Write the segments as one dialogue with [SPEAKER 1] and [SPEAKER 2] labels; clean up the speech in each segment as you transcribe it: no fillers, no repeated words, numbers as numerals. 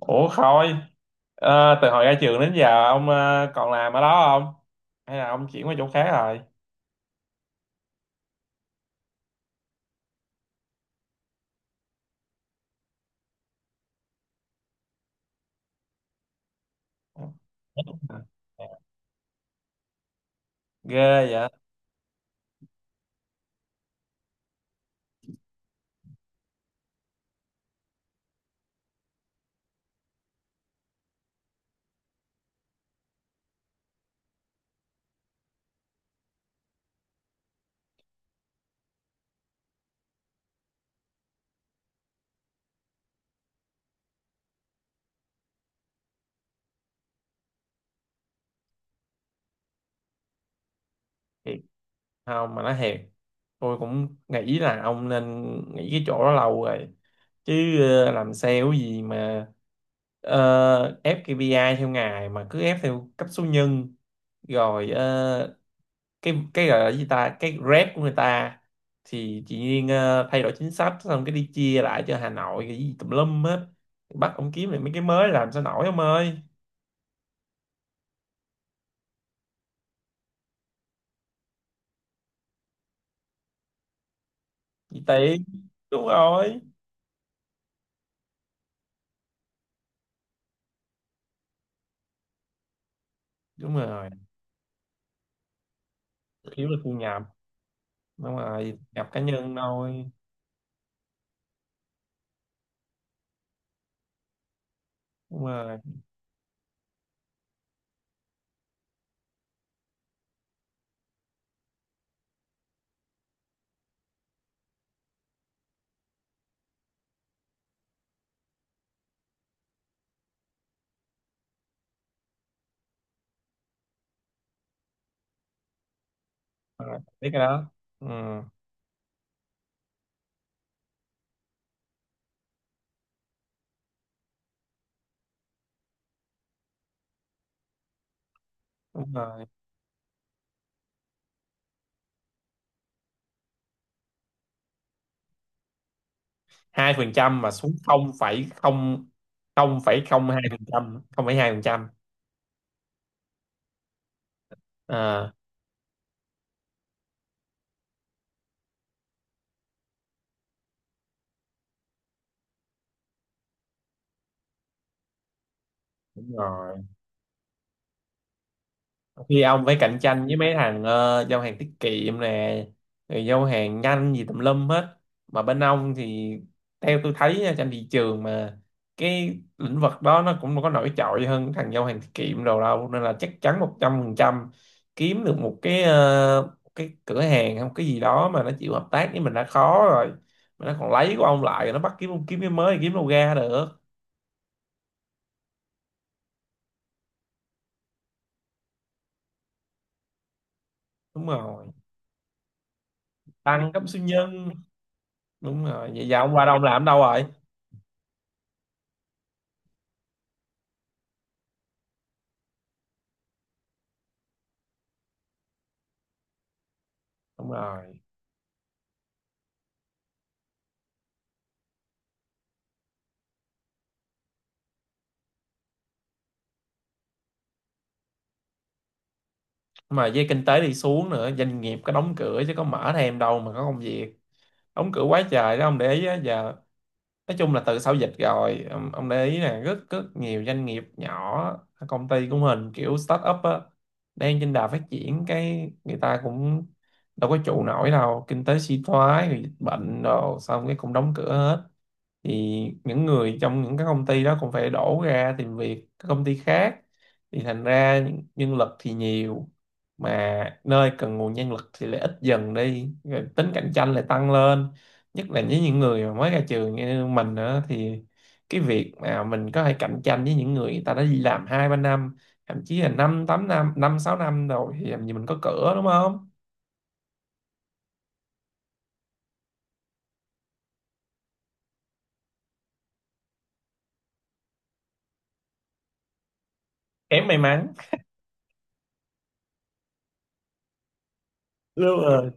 [SPEAKER 1] Ủa Khôi, từ hồi ra trường đến giờ ông còn làm ở đó không? Hay là ông chuyển qua chỗ khác rồi? Ghê vậy? Thiệt không mà nói thiệt, tôi cũng nghĩ là ông nên nghỉ cái chỗ đó lâu rồi. Chứ làm sale gì mà ép KPI theo ngày mà cứ ép theo cấp số nhân rồi cái gọi là gì ta cái rep của người ta thì chị Duyên thay đổi chính sách xong cái đi chia lại cho Hà Nội cái gì tùm lum hết, bắt ông kiếm lại mấy cái mới làm sao nổi ông ơi. Chị tiền. Đúng rồi. Đúng rồi, thiếu là thu nhập. Đúng rồi, nhập cá nhân thôi. Đúng rồi. Đúng rồi. Biết cái đó. Ừ. Đúng rồi. Hai phần trăm mà xuống không phẩy không? Không phẩy không hai phần trăm? Không phẩy hai phần trăm? À, đúng rồi. Khi ông phải cạnh tranh với mấy thằng giao hàng tiết kiệm nè, rồi giao hàng nhanh gì tùm lum hết. Mà bên ông thì theo tôi thấy nha, trên thị trường mà cái lĩnh vực đó nó cũng có nổi trội hơn thằng giao hàng tiết kiệm đồ đâu, nên là chắc chắn một trăm phần trăm kiếm được một cái cái cửa hàng hay một cái gì đó mà nó chịu hợp tác với mình đã khó rồi, mà nó còn lấy của ông lại nó bắt kiếm kiếm cái mới, kiếm đâu ra được. Đúng rồi, tăng cấp số nhân. Đúng rồi, vậy giờ ông qua đâu ông làm ở đâu rồi? Đúng rồi. Mà với kinh tế đi xuống nữa doanh nghiệp có đóng cửa chứ có mở thêm đâu mà có công việc. Đóng cửa quá trời đó ông để ý á giờ. Nói chung là từ sau dịch rồi ông để ý là rất rất nhiều doanh nghiệp nhỏ, công ty của mình kiểu start up á, đang trên đà phát triển cái người ta cũng đâu có trụ nổi đâu, kinh tế suy thoái rồi dịch bệnh rồi xong cái cũng đóng cửa hết. Thì những người trong những cái công ty đó cũng phải đổ ra tìm việc các công ty khác, thì thành ra nhân lực thì nhiều mà nơi cần nguồn nhân lực thì lại ít dần đi, rồi tính cạnh tranh lại tăng lên. Nhất là với những người mà mới ra trường như mình nữa thì cái việc mà mình có thể cạnh tranh với những người người ta đã đi làm hai ba năm, thậm chí là năm tám năm năm sáu năm rồi thì làm gì mình có cửa đúng không. Kém may mắn. Đúng rồi.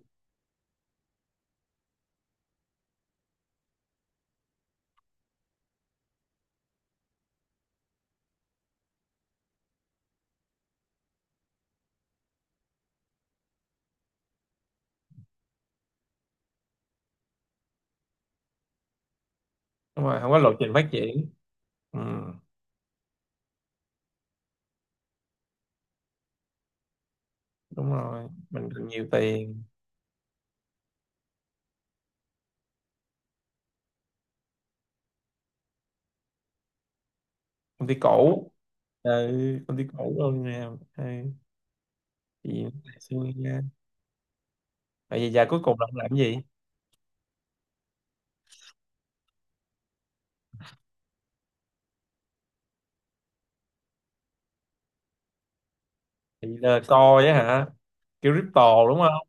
[SPEAKER 1] Đúng rồi, không có lộ trình phát triển. Ừ. Đúng rồi, mình cần nhiều tiền. Công ty cũ. Ừ, công ty cũ luôn nè. Ừ. Thì xưa nha, vậy giờ cuối cùng là ông làm cái gì? Thì là coi á hả? Kiểu crypto đúng không?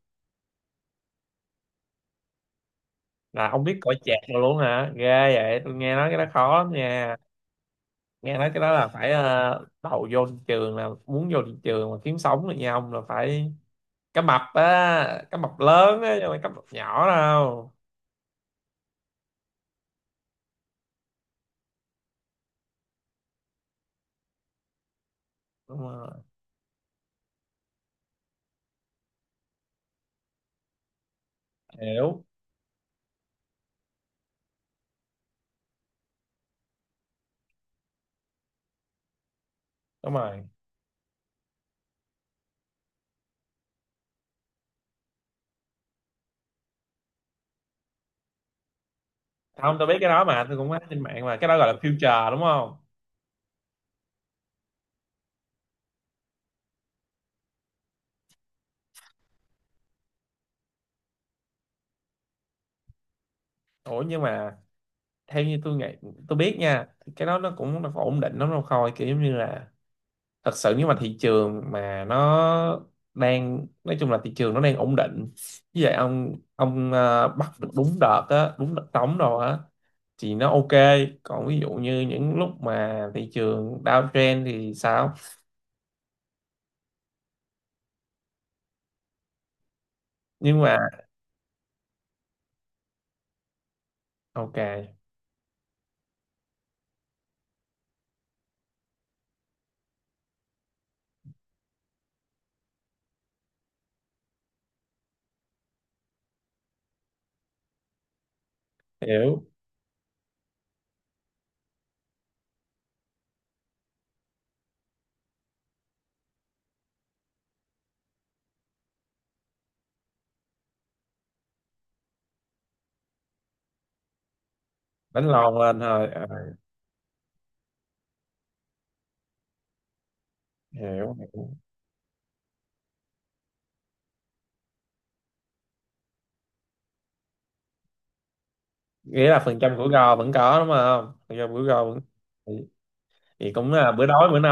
[SPEAKER 1] Là ông biết coi chạc rồi luôn hả, ghê vậy, tôi nghe nói cái đó khó lắm nha. Nghe nói cái đó là phải đầu vô thị trường, là muốn vô thị trường mà kiếm sống được nha ông là phải cá mập á, cá mập lớn á chứ không phải cá mập nhỏ đâu. Đúng rồi. Hiểu. Đúng rồi. Không, tôi biết cái đó mà, tôi cũng thấy trên mạng mà cái đó gọi là future đúng không? Ủa nhưng mà theo như tôi nghĩ, tôi biết nha, thì cái đó nó cũng nó có ổn định lắm đâu Khôi, kiểu giống như là, thật sự nếu mà thị trường mà nó đang, nói chung là thị trường nó đang ổn định như vậy, ông bắt được đúng đợt á, đúng đợt trống rồi á thì nó ok. Còn ví dụ như những lúc mà thị trường downtrend thì sao? Nhưng mà ok. Hiểu. Đánh lòn lên thôi. Ờ. Hiểu. Nghĩa là phần trăm của gò vẫn có đúng không, phần trăm của gò vẫn. Thì, thì cũng là bữa đói bữa no.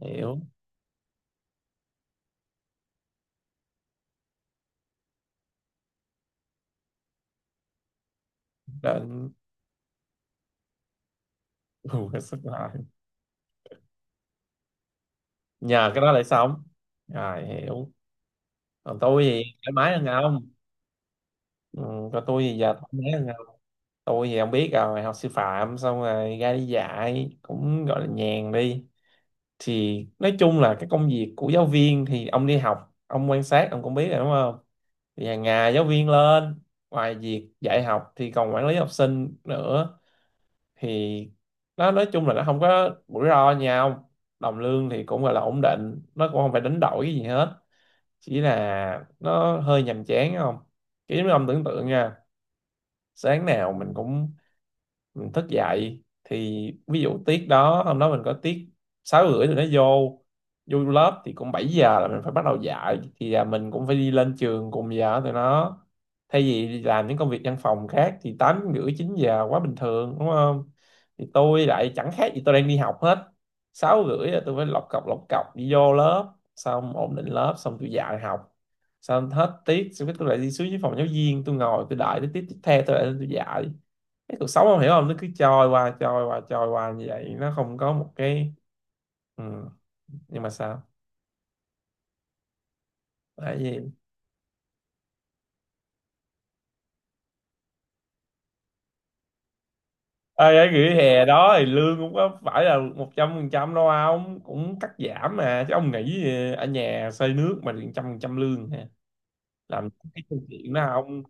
[SPEAKER 1] Hiểu. Đừng- Ừ, sức lại. Nhờ cái đó để sống. Rồi, hiểu. Còn tôi thì thoải mái hơn ông. Ừ, còn tôi thì giờ thoải mái hơn ông. Tôi thì ông biết rồi, học sư phạm xong rồi ra đi dạy cũng gọi là nhàn đi. Thì nói chung là cái công việc của giáo viên thì ông đi học ông quan sát ông cũng biết rồi đúng không. Thì hàng ngày giáo viên lên, ngoài việc dạy học thì còn quản lý học sinh nữa. Thì nó nói chung là nó không có rủi ro nhau, đồng lương thì cũng gọi là ổn định, nó cũng không phải đánh đổi cái gì hết. Chỉ là nó hơi nhàm chán không, kiểu như ông tưởng tượng nha, sáng nào mình cũng mình thức dậy, thì ví dụ tiết đó hôm đó mình có tiết sáu rưỡi tụi nó vô, vô lớp thì cũng 7 giờ là mình phải bắt đầu dạy, thì là mình cũng phải đi lên trường cùng giờ với tụi nó. Thay vì đi làm những công việc văn phòng khác thì tám rưỡi chín giờ quá bình thường đúng không, thì tôi lại chẳng khác gì tôi đang đi học hết. Sáu rưỡi là tôi phải lọc cọc đi vô lớp, xong ổn định lớp xong tôi dạy học, xong hết tiết xong cái tôi lại đi xuống dưới phòng giáo viên tôi ngồi tôi đợi tới tiết tiếp theo tôi lại lên tôi dạy. Cái cuộc sống không hiểu không, nó cứ trôi qua như vậy, nó không có một cái. Ừ. Nhưng mà sao? Tại vì ơi cái nghỉ hè đó thì lương cũng có phải là một trăm phần trăm đâu ông, cũng cắt giảm mà chứ ông nghĩ ở nhà xây nước mà được trăm phần trăm lương hả. Làm cái câu chuyện đó ông,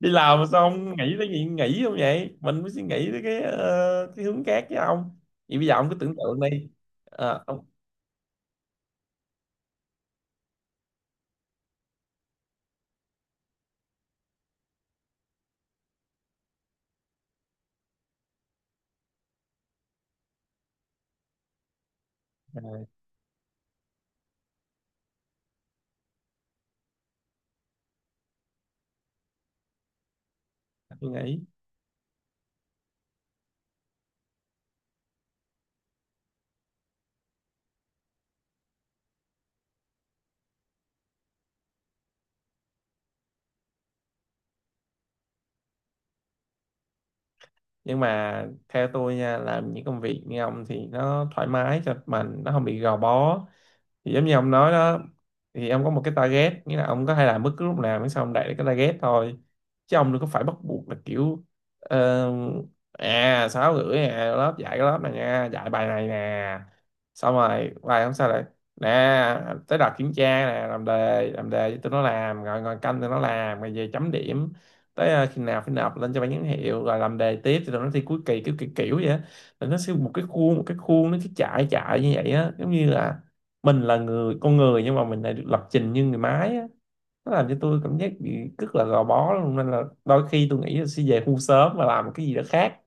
[SPEAKER 1] đi làm mà sao ông nghĩ tới chuyện nghỉ không vậy, mình mới suy nghĩ tới cái cái hướng khác chứ ông. Vậy bây giờ ông cứ tưởng tượng đi. Ờ, ông à, tôi nghĩ. Nhưng mà theo tôi nha, làm những công việc như ông thì nó thoải mái cho mình, nó không bị gò bó. Thì giống như ông nói đó, thì ông có một cái target, nghĩa là ông có thể làm bất cứ lúc nào miễn sao ông đạt được cái target thôi, chứ ông đừng có phải bắt buộc là kiểu ờ, à sáu rưỡi nè lớp dạy cái lớp này nha dạy bài này nè, xong rồi bài hôm sau lại nè, tới đợt kiểm tra nè làm đề, làm đề cho tụi nó làm rồi ngồi canh tụi nó làm rồi về chấm điểm. Tới khi nào phải nộp lên cho ban giám hiệu rồi làm đề tiếp thì tụi nó thi cuối kỳ kiểu kiểu kiểu vậy á. Là nó sẽ một cái khuôn, một cái khuôn nó cứ chạy chạy như vậy á, giống như là mình là người con người nhưng mà mình lại được lập trình như người máy á. Nó làm cho tôi cảm giác bị rất là gò bó luôn, nên là đôi khi tôi nghĩ là sẽ về hưu sớm và làm cái gì đó khác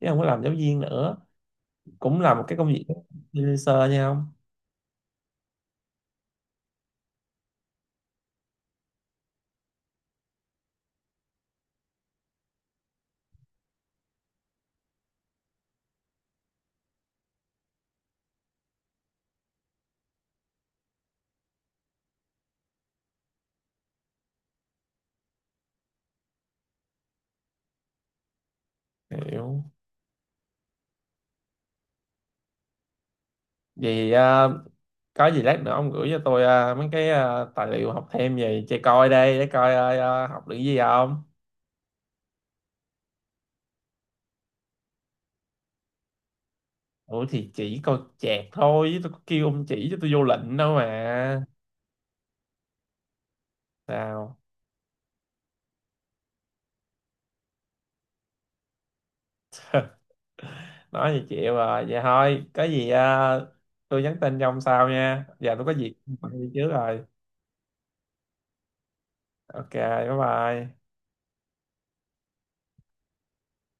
[SPEAKER 1] chứ không có làm giáo viên nữa, cũng là một cái công việc freelancer nha. Không hiểu. Vậy à, có gì lát nữa ông gửi cho tôi à, mấy cái à, tài liệu học thêm về chơi coi đây để coi à, à, học được gì không. Ủa thì chỉ coi chẹt thôi chứ tôi có kêu ông chỉ cho tôi vô lệnh đâu mà. Sao nói gì chịu rồi, vậy thôi có gì tôi nhắn tin cho ông sau nha, giờ tôi có việc phải đi trước rồi. Ok bye bye.